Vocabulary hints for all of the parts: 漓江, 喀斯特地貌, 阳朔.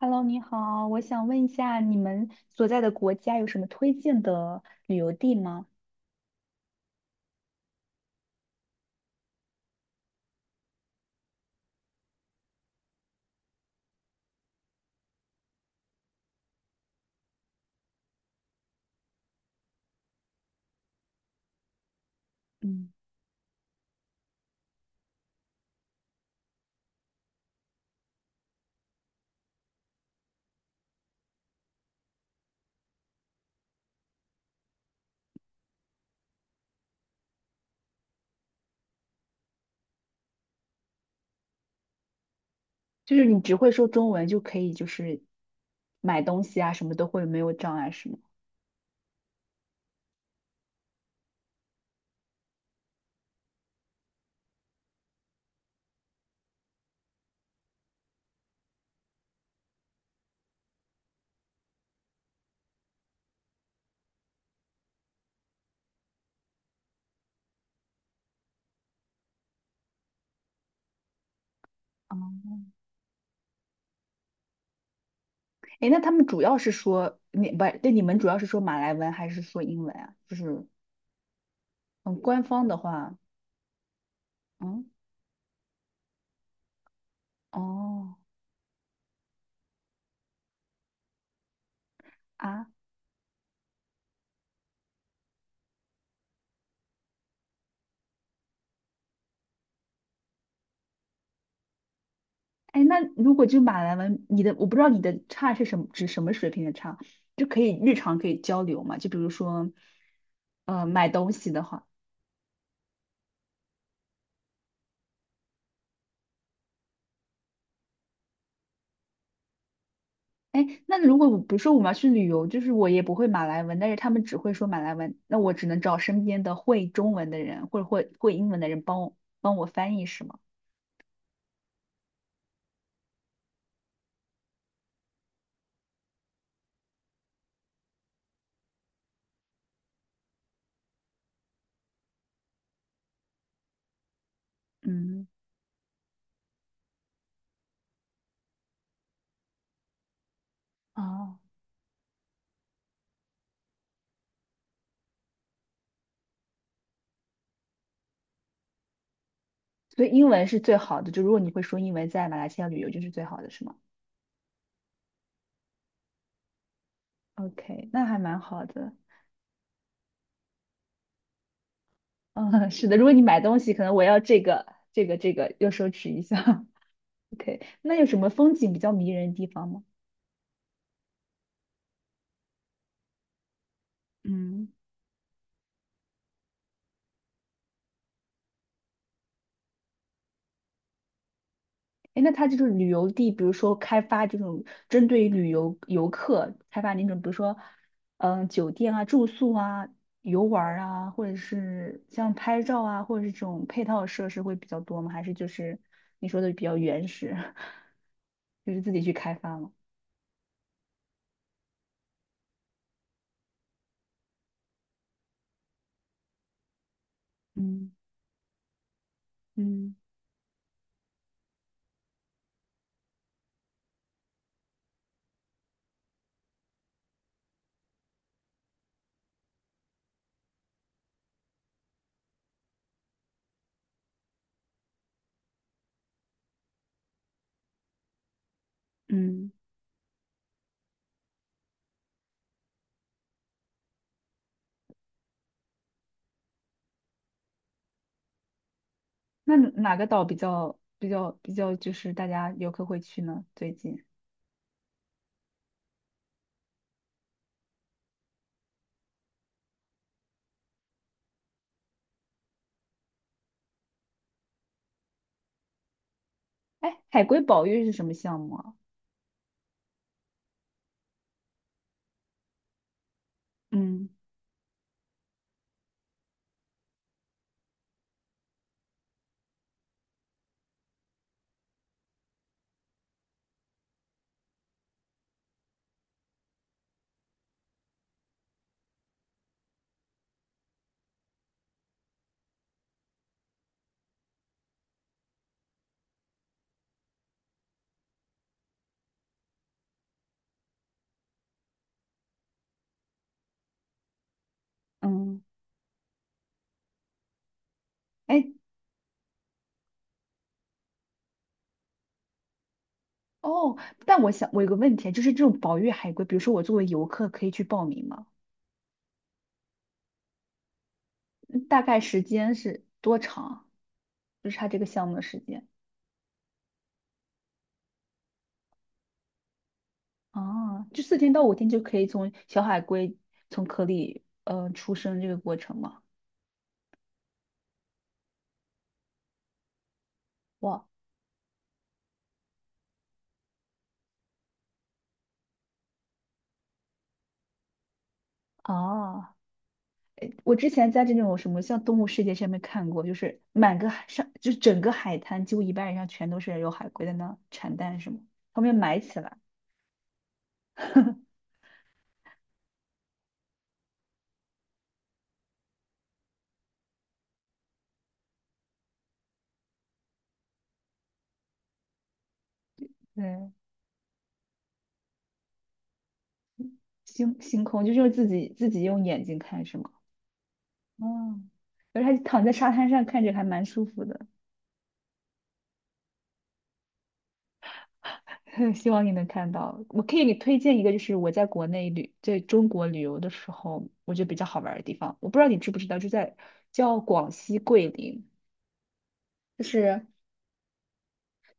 Hello，你好，我想问一下，你们所在的国家有什么推荐的旅游地吗？嗯，就是你只会说中文就可以，就是买东西啊，什么都会没有障碍，是吗？哦，诶，那他们主要是说你不，对，你们主要是说马来文还是说英文啊？就是嗯，官方的话，嗯，哦啊，哎，那如果就马来文，我不知道你的差是什么，指什么水平的差，就可以日常可以交流嘛？就比如说，买东西的话，哎，那如果我比如说我们要去旅游，就是我也不会马来文，但是他们只会说马来文，那我只能找身边的会中文的人或者会英文的人帮我翻译，是吗？嗯，哦，所以英文是最好的，就如果你会说英文，在马来西亚旅游就是最好的，是吗？OK，那还蛮好的。嗯，是的，如果你买东西，可能我要这个、这个、这个，又奢侈一下。OK，那有什么风景比较迷人的地方吗？嗯，哎，那它这种旅游地，比如说开发这种针对于旅游游客开发那种，比如说，嗯，酒店啊、住宿啊、游玩儿啊，或者是像拍照啊，或者是这种配套设施会比较多吗？还是就是你说的比较原始，就是自己去开发吗？嗯嗯嗯。那哪个岛比较就是大家游客会去呢？最近，哎，海龟保育是什么项目啊？嗯嗯，哎哦，但我想我有个问题，就是这种保育海龟，比如说我作为游客可以去报名吗？嗯大概时间是多长？就是它这个项目的时间啊，就4天到5天就可以从小海龟从壳里出生这个过程吗？哇啊！我之前在这种什么像《动物世界》上面看过，就是满个海上，就是整个海滩几乎一半以上全都是有海龟在那产蛋什么，他们要埋起来。对，星空就是自己用眼睛看是吗？哦，而且躺在沙滩上看着还蛮舒服的，希望你能看到。我可以给你推荐一个，就是我在国内旅，在中国旅游的时候，我觉得比较好玩儿的地方。我不知道你知不知道，就在叫广西桂林，就是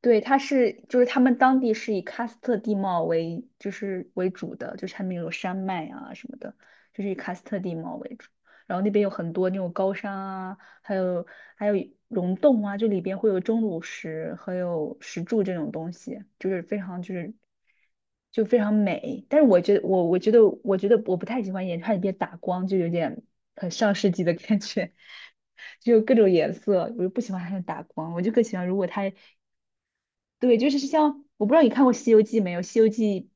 对，它是就是他们当地是以喀斯特地貌为就是为主的，就是他们有山脉啊什么的，就是以喀斯特地貌为主。然后那边有很多那种高山啊，还有还有溶洞啊，就里边会有钟乳石，还有石柱这种东西，就是非常就是就非常美。但是我觉得我不太喜欢眼它里边打光，就有点很上世纪的感觉。就各种颜色，我就不喜欢它的打光，我就更喜欢如果它对，就是像我不知道你看过《西游记》没有，《西游记》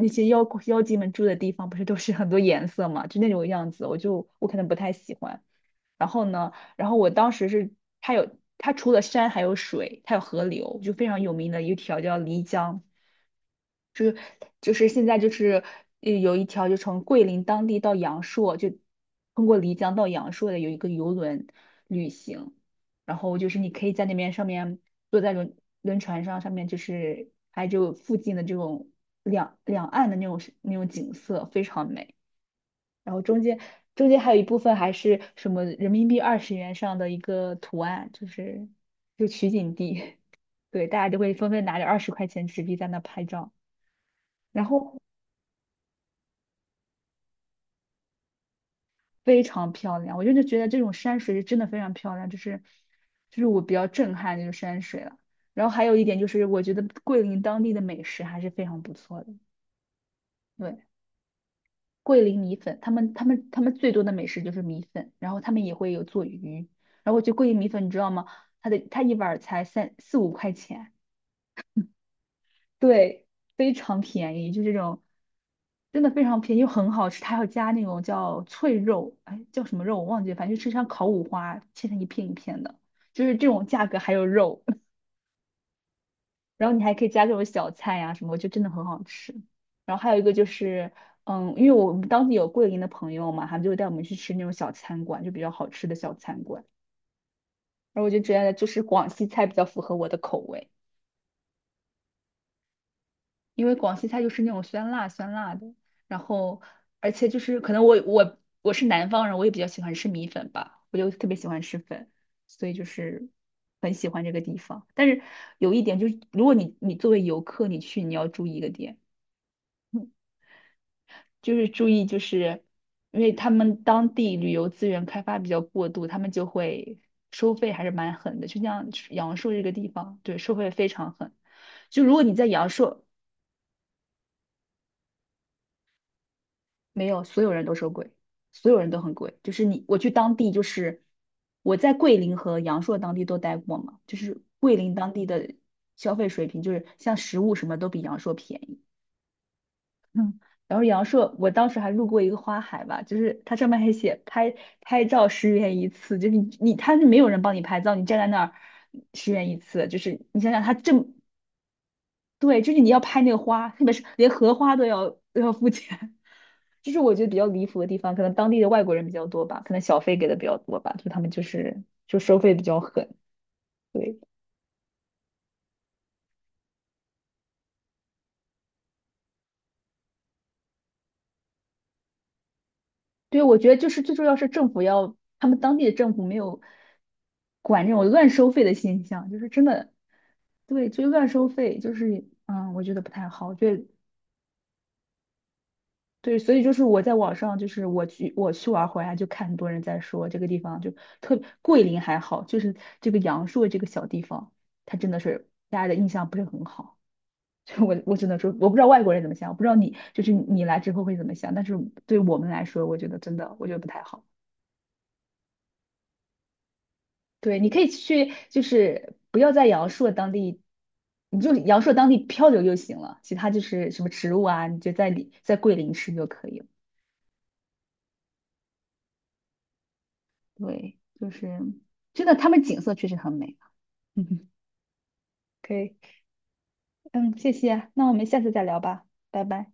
那些妖怪妖精们住的地方，不是都是很多颜色嘛，就那种样子，我就我可能不太喜欢。然后呢，然后我当时是它除了山还有水，它有河流，就非常有名的一条叫漓江。就是现在就是有一条就从桂林当地到阳朔，就通过漓江到阳朔的有一个游轮旅行，然后就是你可以在那边上面坐在轮船上，上面就是拍就附近的这种两岸的那种景色，非常美。然后中间还有一部分还是什么人民币20元上的一个图案，就是就取景地，对，大家就会纷纷拿着20块钱纸币在那拍照。然后非常漂亮。我真的觉得这种山水是真的非常漂亮，就是就是我比较震撼这种山水了。然后还有一点就是，我觉得桂林当地的美食还是非常不错的。对，桂林米粉，他们最多的美食就是米粉，然后他们也会有做鱼。然后我觉得桂林米粉，你知道吗？它一碗儿才3、4、5块钱，对，非常便宜，就这种，真的非常便宜又很好吃。它还要加那种叫脆肉，哎，叫什么肉我忘记了，反正就吃像烤五花，切成一片一片的，就是这种价格还有肉，然后你还可以加这种小菜呀、什么，就真的很好吃。然后还有一个就是，嗯，因为我们当地有桂林的朋友嘛，他们就会带我们去吃那种小餐馆，就比较好吃的小餐馆。然后我就觉得就是广西菜比较符合我的口味。因为广西菜就是那种酸辣酸辣的，然后而且就是可能我是南方人，我也比较喜欢吃米粉吧，我就特别喜欢吃粉，所以就是很喜欢这个地方。但是有一点就是，如果你作为游客你去，你要注意一个点，嗯就是注意就是因为他们当地旅游资源开发比较过度，他们就会收费还是蛮狠的，就像阳朔这个地方，对，收费非常狠。就如果你在阳朔，没有，所有人都说贵，所有人都很贵。就是你，我去当地，就是我在桂林和阳朔当地都待过嘛，就是桂林当地的消费水平，就是像食物什么都比阳朔便宜。嗯，然后阳朔，我当时还路过一个花海吧，就是它上面还写拍照十元一次，就是你他是没有人帮你拍照，你站在那儿十元一次，就是你想想它这么对，就是你要拍那个花，特别是连荷花都要付钱，就是我觉得比较离谱的地方。可能当地的外国人比较多吧，可能小费给的比较多吧，就他们就是就收费比较狠。对，对，我觉得就是最重要是政府要，他们当地的政府没有管这种乱收费的现象，就是真的，对，就是乱收费，就是嗯，我觉得不太好。对，对，所以就是我在网上，就是我去玩回来，就看很多人在说这个地方就特别桂林还好，就是这个阳朔这个小地方，它真的是大家的印象不是很好。就我只能说，我不知道外国人怎么想，我不知道你就是你来之后会怎么想，但是对我们来说，我觉得真的我觉得不太好。对，你可以去，就是不要在阳朔当地，你就阳朔当地漂流就行了，其他就是什么植物啊，你就在里在桂林吃就可以了。对，就是真的，他们景色确实很美。嗯，可以，嗯，谢谢啊，那我们下次再聊吧，拜拜。